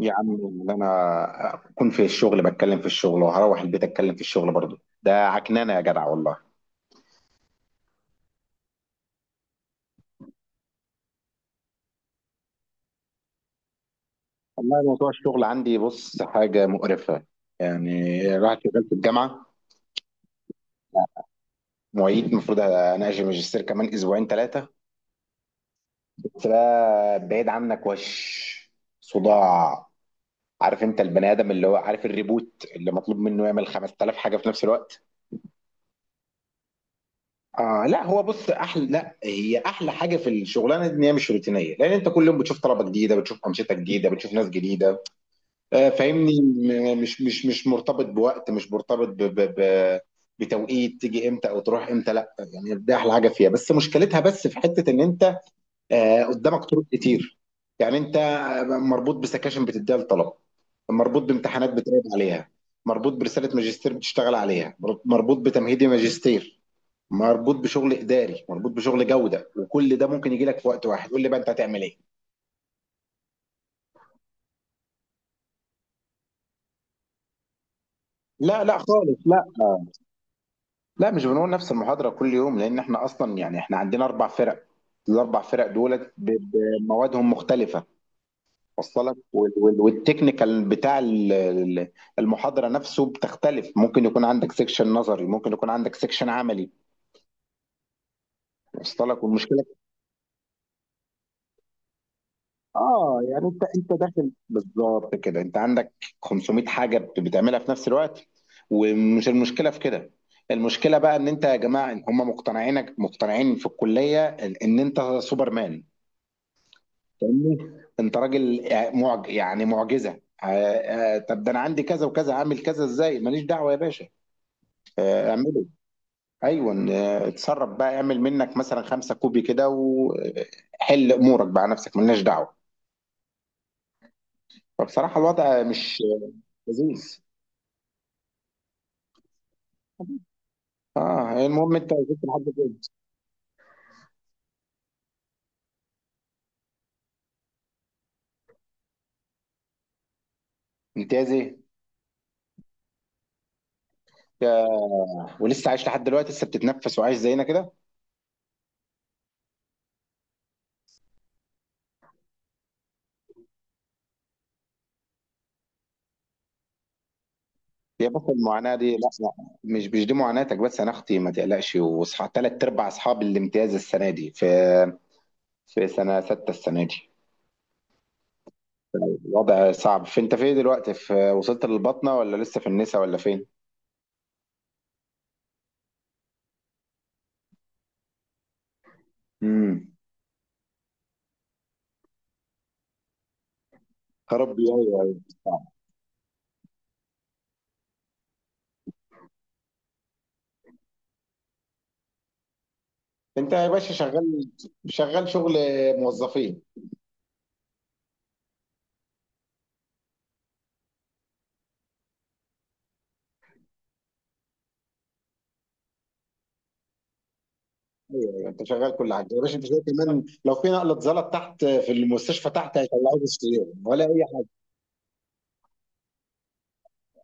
يا عم اللي انا اكون في الشغل بتكلم في الشغل وهروح البيت اتكلم في الشغل برضه ده عكنانه يا جدع والله. والله موضوع الشغل عندي، بص، حاجه مقرفه يعني. راح شغال في الجامعه معيد، المفروض اناقش الماجستير كمان اسبوعين ثلاثه. بس بقى بعيد عنك وش صداع. عارف انت البني ادم اللي هو عارف الريبوت اللي مطلوب منه يعمل 5000 حاجه في نفس الوقت. آه لا، هو بص احلى، لا هي احلى حاجه في الشغلانه دي ان هي مش روتينيه، لان انت كل يوم بتشوف طلبه جديده، بتشوف انشطه جديده، بتشوف ناس جديده. آه فاهمني، مش مرتبط بوقت، مش مرتبط ب بتوقيت تيجي امتى او تروح امتى، لا. يعني ده احلى حاجه فيها، بس مشكلتها بس في حته ان انت آه قدامك طرق كتير. يعني انت مربوط بسكاشن بتديها للطلبه، مربوط بامتحانات بتراقب عليها، مربوط برساله ماجستير بتشتغل عليها، مربوط بتمهيدي ماجستير، مربوط بشغل اداري، مربوط بشغل جوده، وكل ده ممكن يجي لك في وقت واحد. قول لي بقى انت هتعمل ايه. لا لا خالص، لا، لا مش بنقول نفس المحاضره كل يوم، لان احنا اصلا يعني احنا عندنا اربع فرق. الاربع فرق دولت بموادهم مختلفه. وصل لك؟ وال- وال- والتكنيكال بتاع ال ال-محاضره نفسه بتختلف. ممكن يكون عندك سيكشن نظري، ممكن يكون عندك سيكشن عملي. وصل لك؟ والمشكله اه يعني انت داخل بالظبط كده، انت عندك 500 حاجه بتعملها في نفس الوقت. ومش المشكله في كده، المشكله بقى ان انت يا جماعه إن هم مقتنعينك، مقتنعين في الكليه ان، إن انت سوبرمان. فاهمني؟ انت راجل آه، معج يعني معجزه طب ده انا عندي كذا وكذا، عامل كذا ازاي، ماليش دعوه يا باشا. اعمله، ايوه اتصرف بقى، اعمل منك مثلا خمسة كوبي كده وحل امورك، بقى نفسك مالناش دعوه. فبصراحه الوضع مش لذيذ. اه، هي المهم انت وصلت لحد فين؟ امتياز ايه؟ يا- ولسه عايش لحد دلوقتي؟ لسه بتتنفس وعايش زينا كده؟ هي بس المعاناه دي؟ لا لا، مش دي معاناتك بس انا اختي، ما تقلقش، واصحى ثلاث ارباع اصحاب الامتياز السنه دي في في سنه سته السنه دي الوضع صعب. فانت فين دلوقتي؟ في وصلت للبطنه ولا لسه في النسا ولا فين؟ امم. يا ربي، ايوه ايوه صعب. انت يا باشا شغال، شغال شغل موظفين. ايوه ايوه، انت شغال كل حاجه يا باشا. انت شايف كمان لو في نقله زلط تحت في المستشفى تحت هيطلعوه بالسيوله ولا اي حاجه.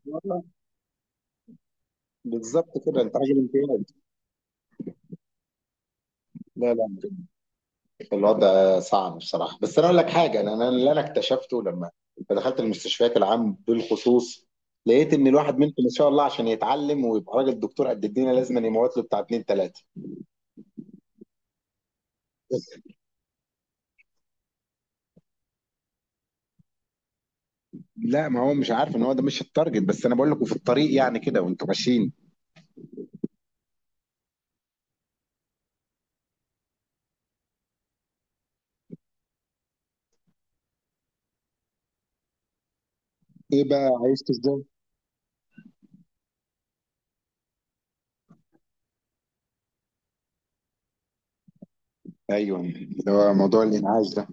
والله بالظبط كده، انت راجل امتياز. لا لا، الوضع صعب بصراحه. بس انا اقول لك حاجه، انا أنا اللي انا اكتشفته لما دخلت المستشفيات العام بالخصوص، لقيت ان الواحد منكم ما شاء الله عشان يتعلم ويبقى راجل دكتور قد الدنيا لازم أن يموت له بتاع اتنين تلاته. لا ما هو مش عارف ان هو ده مش التارجت، بس انا بقول لكم في الطريق يعني كده وانتوا ماشيين. ايه بقى، عايز ازاي؟ ايوه، اللي هو موضوع الانعاش ده.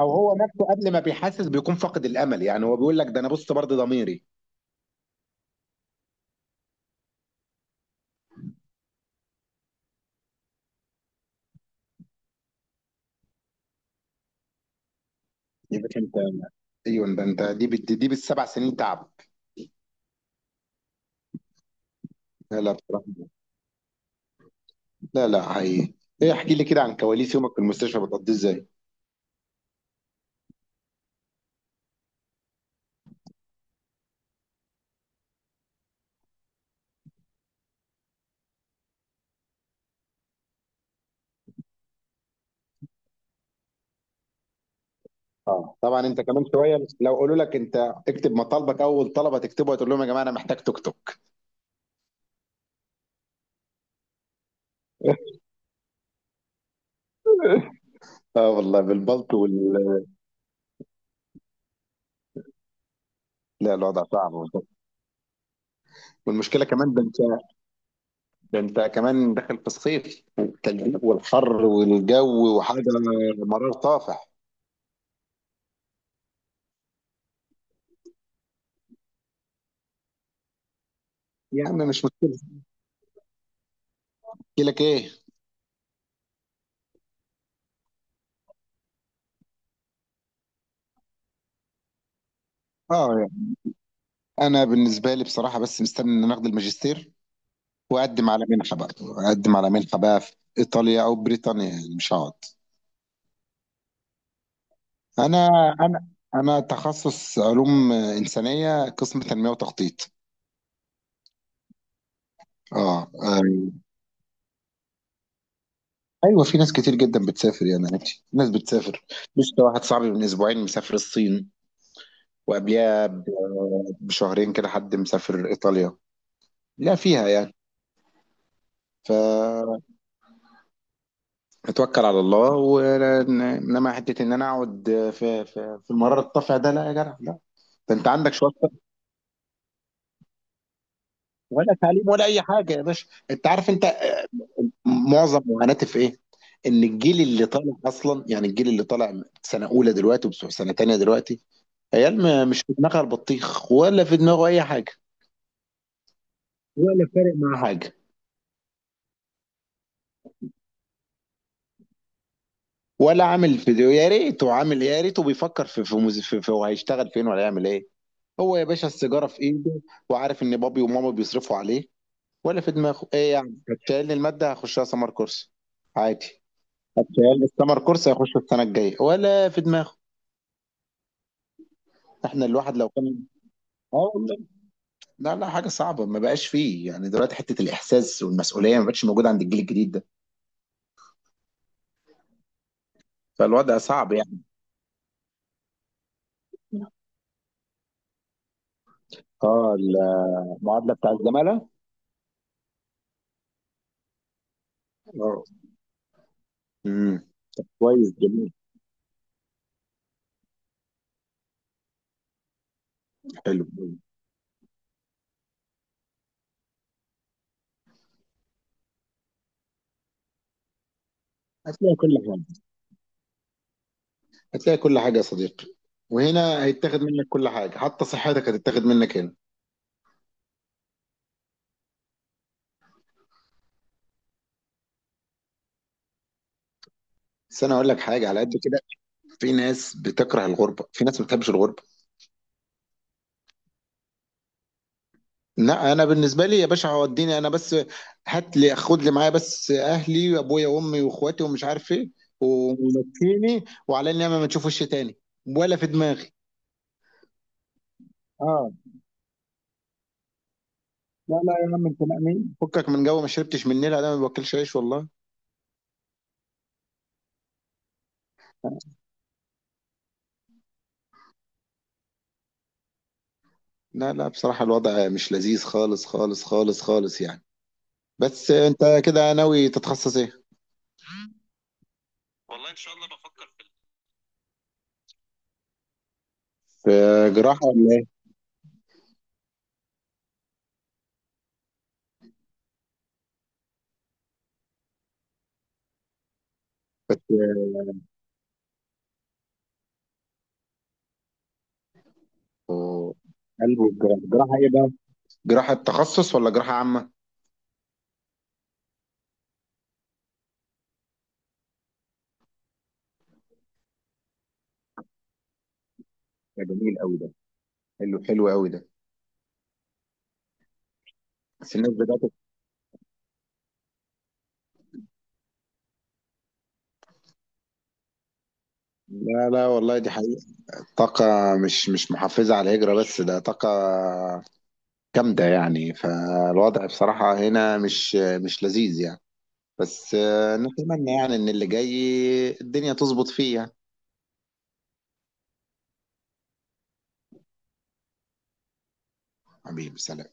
او هو نفسه قبل ما بيحاسس بيكون فاقد الامل، يعني هو بيقول لك ده انا بص برضه ضميري. يا باشا انت، ايوه ده انت، دي بالسبع سنين تعب. لا لا بصراحه، لا لا حقيقي. ايه، احكي لي كده عن كواليس يومك في المستشفى، بتقضيه ازاي؟ اه طبعا، انت كمان شويه لو قالوا لك انت اكتب مطالبك، اول طلبه تكتبه هتقول لهم يا جماعه انا محتاج توك توك. اه والله، بالبلط وال... لا الوضع صعب والله. والمشكله كمان، ده انت، ده انت كمان داخل في الصيف والتلزيق والحر والجو وحاجه مرار طافح. يا عم مش مشكلة، احكي لك ايه؟ اه يعني، انا بالنسبة لي بصراحة بس مستني ان انا اخد الماجستير واقدم على منحة بقى، اقدم على منحة بقى في ايطاليا او بريطانيا، يعني مش هقعد. انا انا انا تخصص علوم انسانية، قسم تنمية وتخطيط. اه آه. ايوه في ناس كتير جدا بتسافر، يعني عادي، ناس بتسافر. مش ده واحد صاحبي من اسبوعين مسافر الصين، وقبلها بشهرين كده حد مسافر ايطاليا. لا فيها يعني. ف، اتوكل على الله، وانما حته ان انا اقعد في المرار الطافع ده، لا يا جدع لا. ده انت عندك شويه، ولا تعليم ولا اي حاجه يا باشا. انت عارف انت، معظم معاناتي في ايه؟ ان الجيل اللي طالع اصلا، يعني الجيل اللي طالع سنه اولى دلوقتي وبتوع سنه تانيه دلوقتي، عيال مش في دماغها البطيخ، ولا في دماغه اي حاجه، ولا فارق معاه حاجه. ولا عامل فيديو، يا ريته عامل يا ريته بيفكر في في هو هيشتغل فين ولا يعمل ايه. هو يا باشا السيجاره في ايده، وعارف ان بابي وماما بيصرفوا عليه، ولا في دماغه ايه، يعني هتشيلني المادة هخشها سمر كورس عادي. هتشيلني السمر كورس هيخش السنة الجاية، ولا في دماغه. احنا الواحد لو كان، اه والله، لا لا حاجة صعبة، ما بقاش فيه يعني دلوقتي حتة الإحساس والمسؤولية، ما بقتش موجودة عند الجيل الجديد ده. فالوضع صعب يعني. اه المعادلة بتاع الزمالة، اه، امم، كويس جميل، حلو. هتلاقي كل حاجة، هتلاقي كل حاجة يا صديقي. وهنا هيتاخد منك كل حاجة، حتى صحتك هتتاخد منك هنا. بس انا اقول لك حاجة على قد كده، في ناس بتكره الغربه، في ناس ما بتحبش الغربه. لا انا بالنسبه لي يا باشا هوديني انا بس، هات لي، خد لي معايا بس اهلي وابويا وامي واخواتي ومش عارف ايه ومشيني، وعلى النعمه ما تشوفوش تاني ولا في دماغي. اه، لا لا يا عم، انت مأمين فكك من جو، ما شربتش من النيل انا، ما باكلش عيش والله. لا لا بصراحه الوضع مش لذيذ، خالص خالص خالص خالص يعني. بس انت كده ناوي تتخصص ايه؟ والله ان شاء الله بفكر في في جراحه ولا ايه، آه، قلب والجراحه. جراحه ايه بقى، جراحة تخصص ولا جراحة عامة؟ ده جميل قوي ده، حلو حلو قوي ده. بس الناس بدأت، لا لا والله دي حقيقة. طاقة، مش محفزة على الهجرة، بس ده طاقة جامدة يعني. فالوضع بصراحة هنا مش، مش لذيذ يعني. بس نتمنى يعني إن اللي جاي الدنيا تظبط فيه يعني. حبيبي سلام.